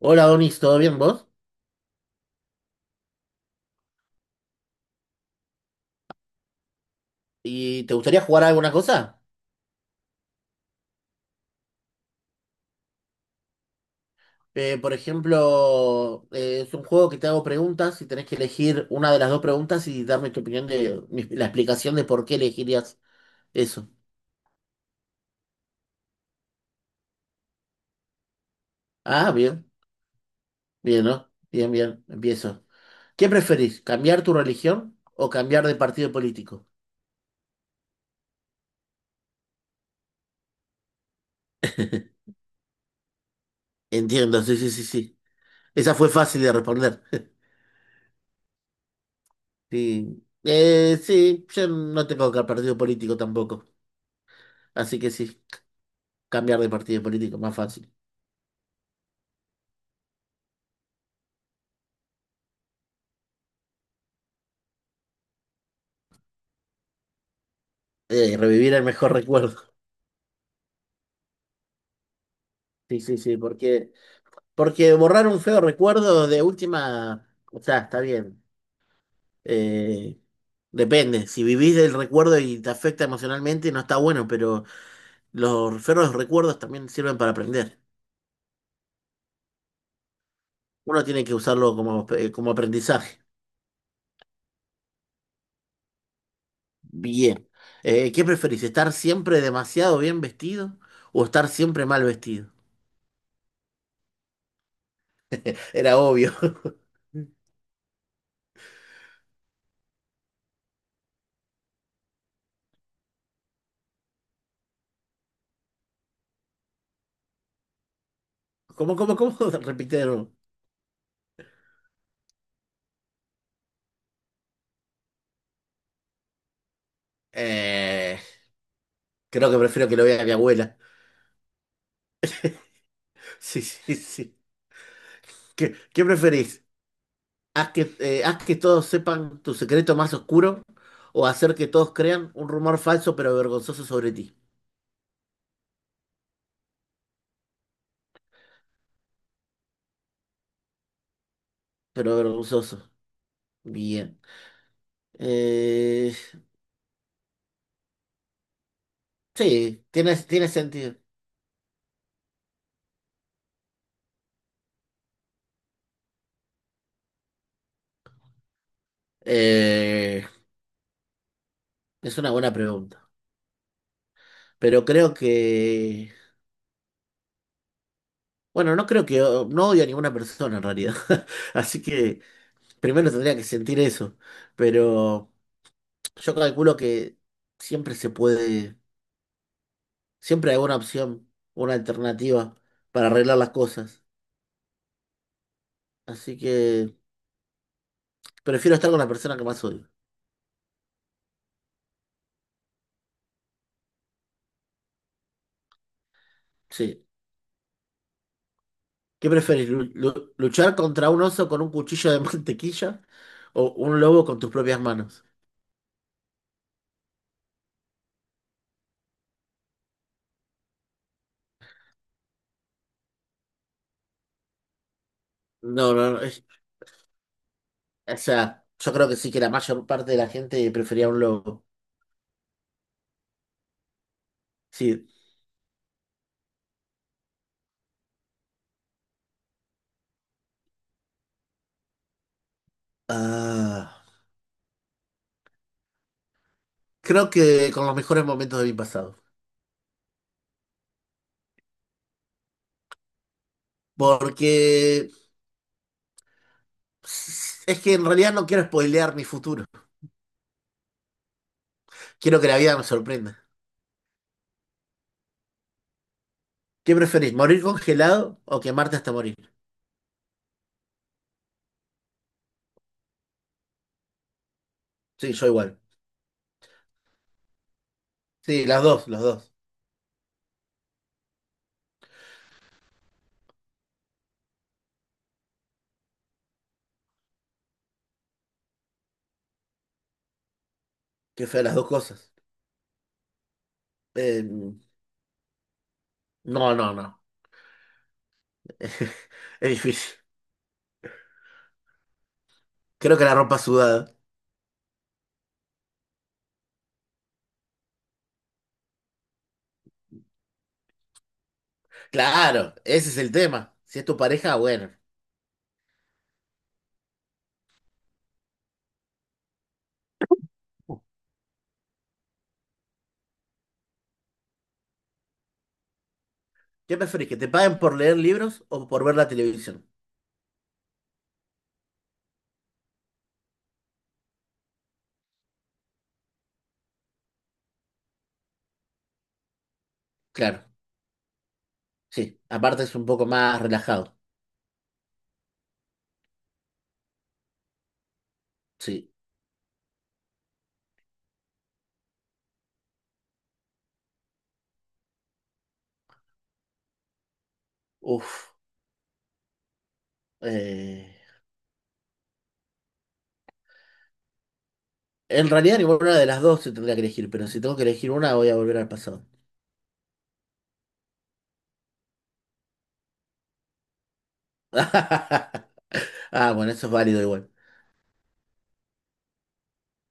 Hola Donis, ¿todo bien vos? ¿Y te gustaría jugar a alguna cosa? Por ejemplo, es un juego que te hago preguntas y tenés que elegir una de las dos preguntas y darme tu opinión de la explicación de por qué elegirías eso. Ah, bien, bien, ¿no? Bien, bien, empiezo. ¿Qué preferís? ¿Cambiar tu religión o cambiar de partido político? Entiendo, sí, sí, sí, sí. Esa fue fácil de responder. Sí, sí, yo no tengo que partido político tampoco, así que sí, cambiar de partido político, más fácil. Revivir el mejor recuerdo. Sí, sí, sí, porque, porque borrar un feo recuerdo de última, o sea, está bien. Eh, Depende, si vivís del recuerdo y te afecta emocionalmente, no está bueno, pero los feos recuerdos también sirven para aprender. Uno tiene que usarlo como, como aprendizaje. Bien. ¿Qué preferís? ¿Estar siempre demasiado bien vestido o estar siempre mal vestido? Era obvio. ¿Cómo, cómo, cómo? Repite de nuevo. Eh, Creo que prefiero que lo vea mi abuela. Sí, sí, sí. ¿Qué, qué preferís? ¿ Haz que todos sepan tu secreto más oscuro o hacer que todos crean un rumor falso pero vergonzoso sobre ti? Pero vergonzoso. Bien. Eh, sí, tiene sentido. Eh, es una buena pregunta. Pero creo que... Bueno, no creo que... No odio a ninguna persona en realidad. Así que primero tendría que sentir eso. Pero yo calculo que siempre se puede. Siempre hay una opción, una alternativa para arreglar las cosas. Así que prefiero estar con la persona que más odio. Sí. ¿Qué preferís? ¿Luchar contra un oso con un cuchillo de mantequilla o un lobo con tus propias manos? No, no, no. es- O sea, yo creo que sí que la mayor parte de la gente prefería un lobo. Sí. Ah, creo que con los mejores momentos de mi pasado. Porque es que en realidad no quiero spoilear mi futuro. Quiero que la vida me sorprenda. ¿Qué preferís, morir congelado o quemarte hasta morir? Sí, yo igual. Sí, las dos, las dos. Qué fea las dos cosas. Eh, no, no, no. Es difícil. Creo que la ropa sudada. Claro, ese es el tema. Si es tu pareja, bueno. ¿Qué preferís, que te paguen por leer libros o por ver la televisión? Claro, sí. Aparte es un poco más relajado. Sí. Uf. Eh, En realidad ninguna de las dos se tendría que elegir, pero si tengo que elegir una, voy a volver al pasado. Ah, bueno, eso es válido igual.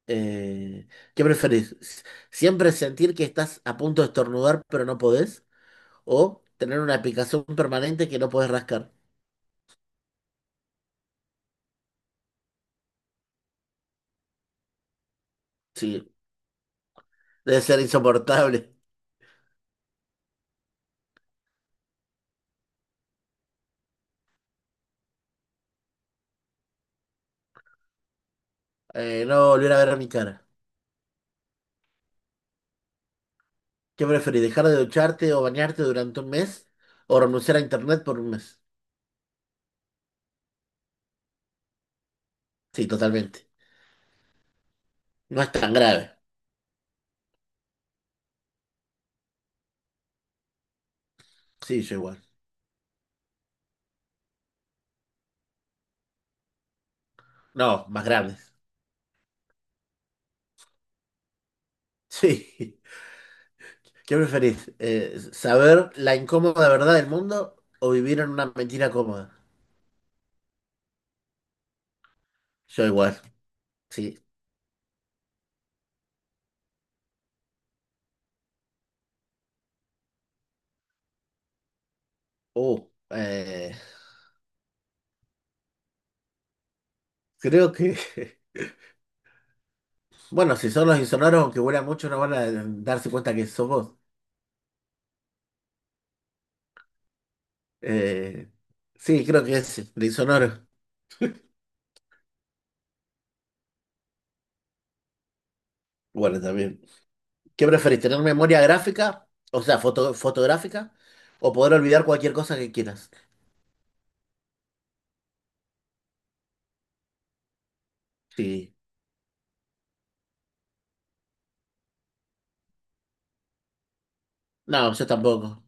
Eh, ¿Qué preferís? ¿Siempre sentir que estás a punto de estornudar pero no podés? ¿O tener una picazón permanente que no podés rascar? Sí, debe ser insoportable. No volver a ver a mi cara. ¿Qué preferís? ¿Dejar de ducharte o bañarte durante un mes? ¿O renunciar a internet por un mes? Sí, totalmente. No es tan grave. Sí, yo igual. No, más graves. Sí. ¿Qué preferís? ¿Saber la incómoda verdad del mundo o vivir en una mentira cómoda? Yo igual. Sí. Uh, eh, Creo que, bueno, si son los insonoros, aunque huelan mucho, no van a darse cuenta que sos vos. Eh, sí, creo que es el insonoro. Bueno, también. ¿Qué preferís, tener memoria gráfica, o sea, fotográfica, o poder olvidar cualquier cosa que quieras? Sí. No, yo tampoco.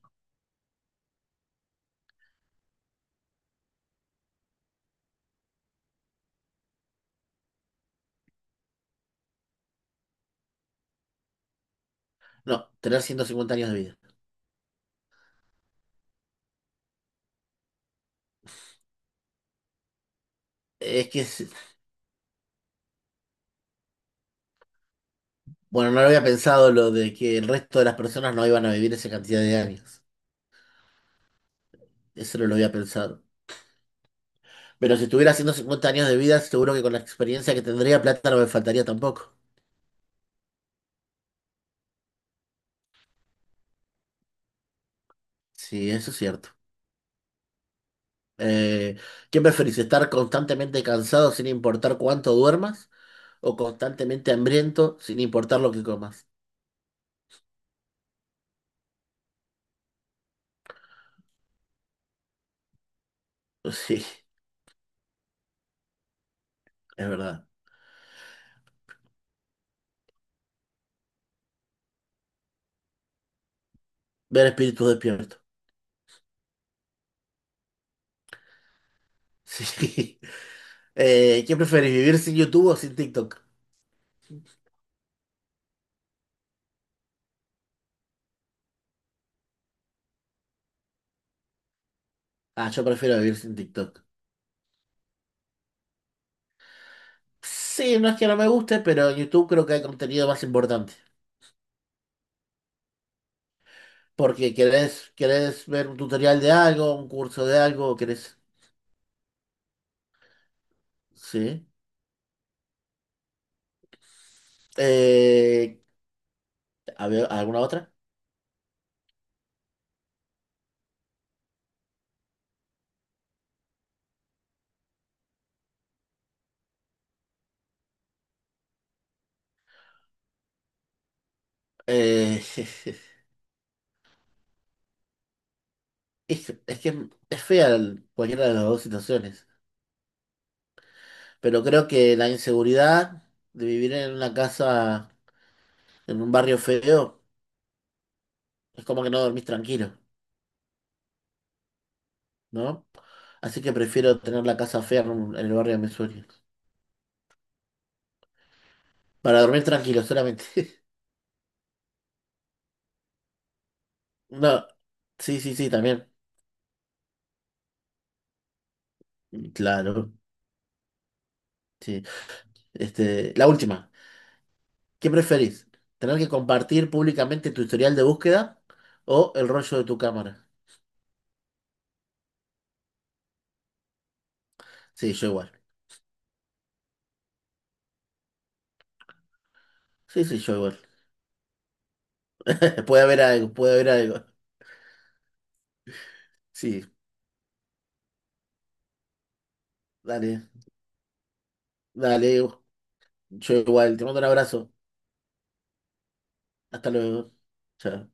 No, tener 150 años de vida. Es que, es- bueno, no lo había pensado lo de que el resto de las personas no iban a vivir esa cantidad de años. Eso no lo había pensado. Pero si tuviera 150 años de vida, seguro que con la experiencia que tendría, plata no me faltaría tampoco. Sí, eso es cierto. Eh, ¿Qué preferís? ¿Estar constantemente cansado sin importar cuánto duermas? ¿O constantemente hambriento sin importar lo que comas? Sí, es verdad. Ver espíritus despierto. Sí. ¿Qué preferís? ¿Vivir sin YouTube o sin TikTok? Ah, yo prefiero vivir sin TikTok. Sí, no es que no me guste, pero en YouTube creo que hay contenido más importante. Porque querés, querés ver un tutorial de algo, un curso de algo, querés... Sí. Eh, a ver, ¿alguna otra? Eh, es que es fea cualquiera de las dos situaciones, pero creo que la inseguridad de vivir en una casa, en un barrio feo, es como que no dormís tranquilo, ¿no? Así que prefiero tener la casa fea en, en el barrio de mis sueños, para dormir tranquilo solamente. No, sí, sí, sí, también. Claro, sí. Este, la última. ¿Qué preferís? ¿Tener que compartir públicamente tu historial de búsqueda o el rollo de tu cámara? Sí, yo igual. Sí, sí, yo igual. Puede haber algo, puede haber algo. Sí, dale, dale. Yo igual. Te mando un abrazo. Hasta luego. Chao.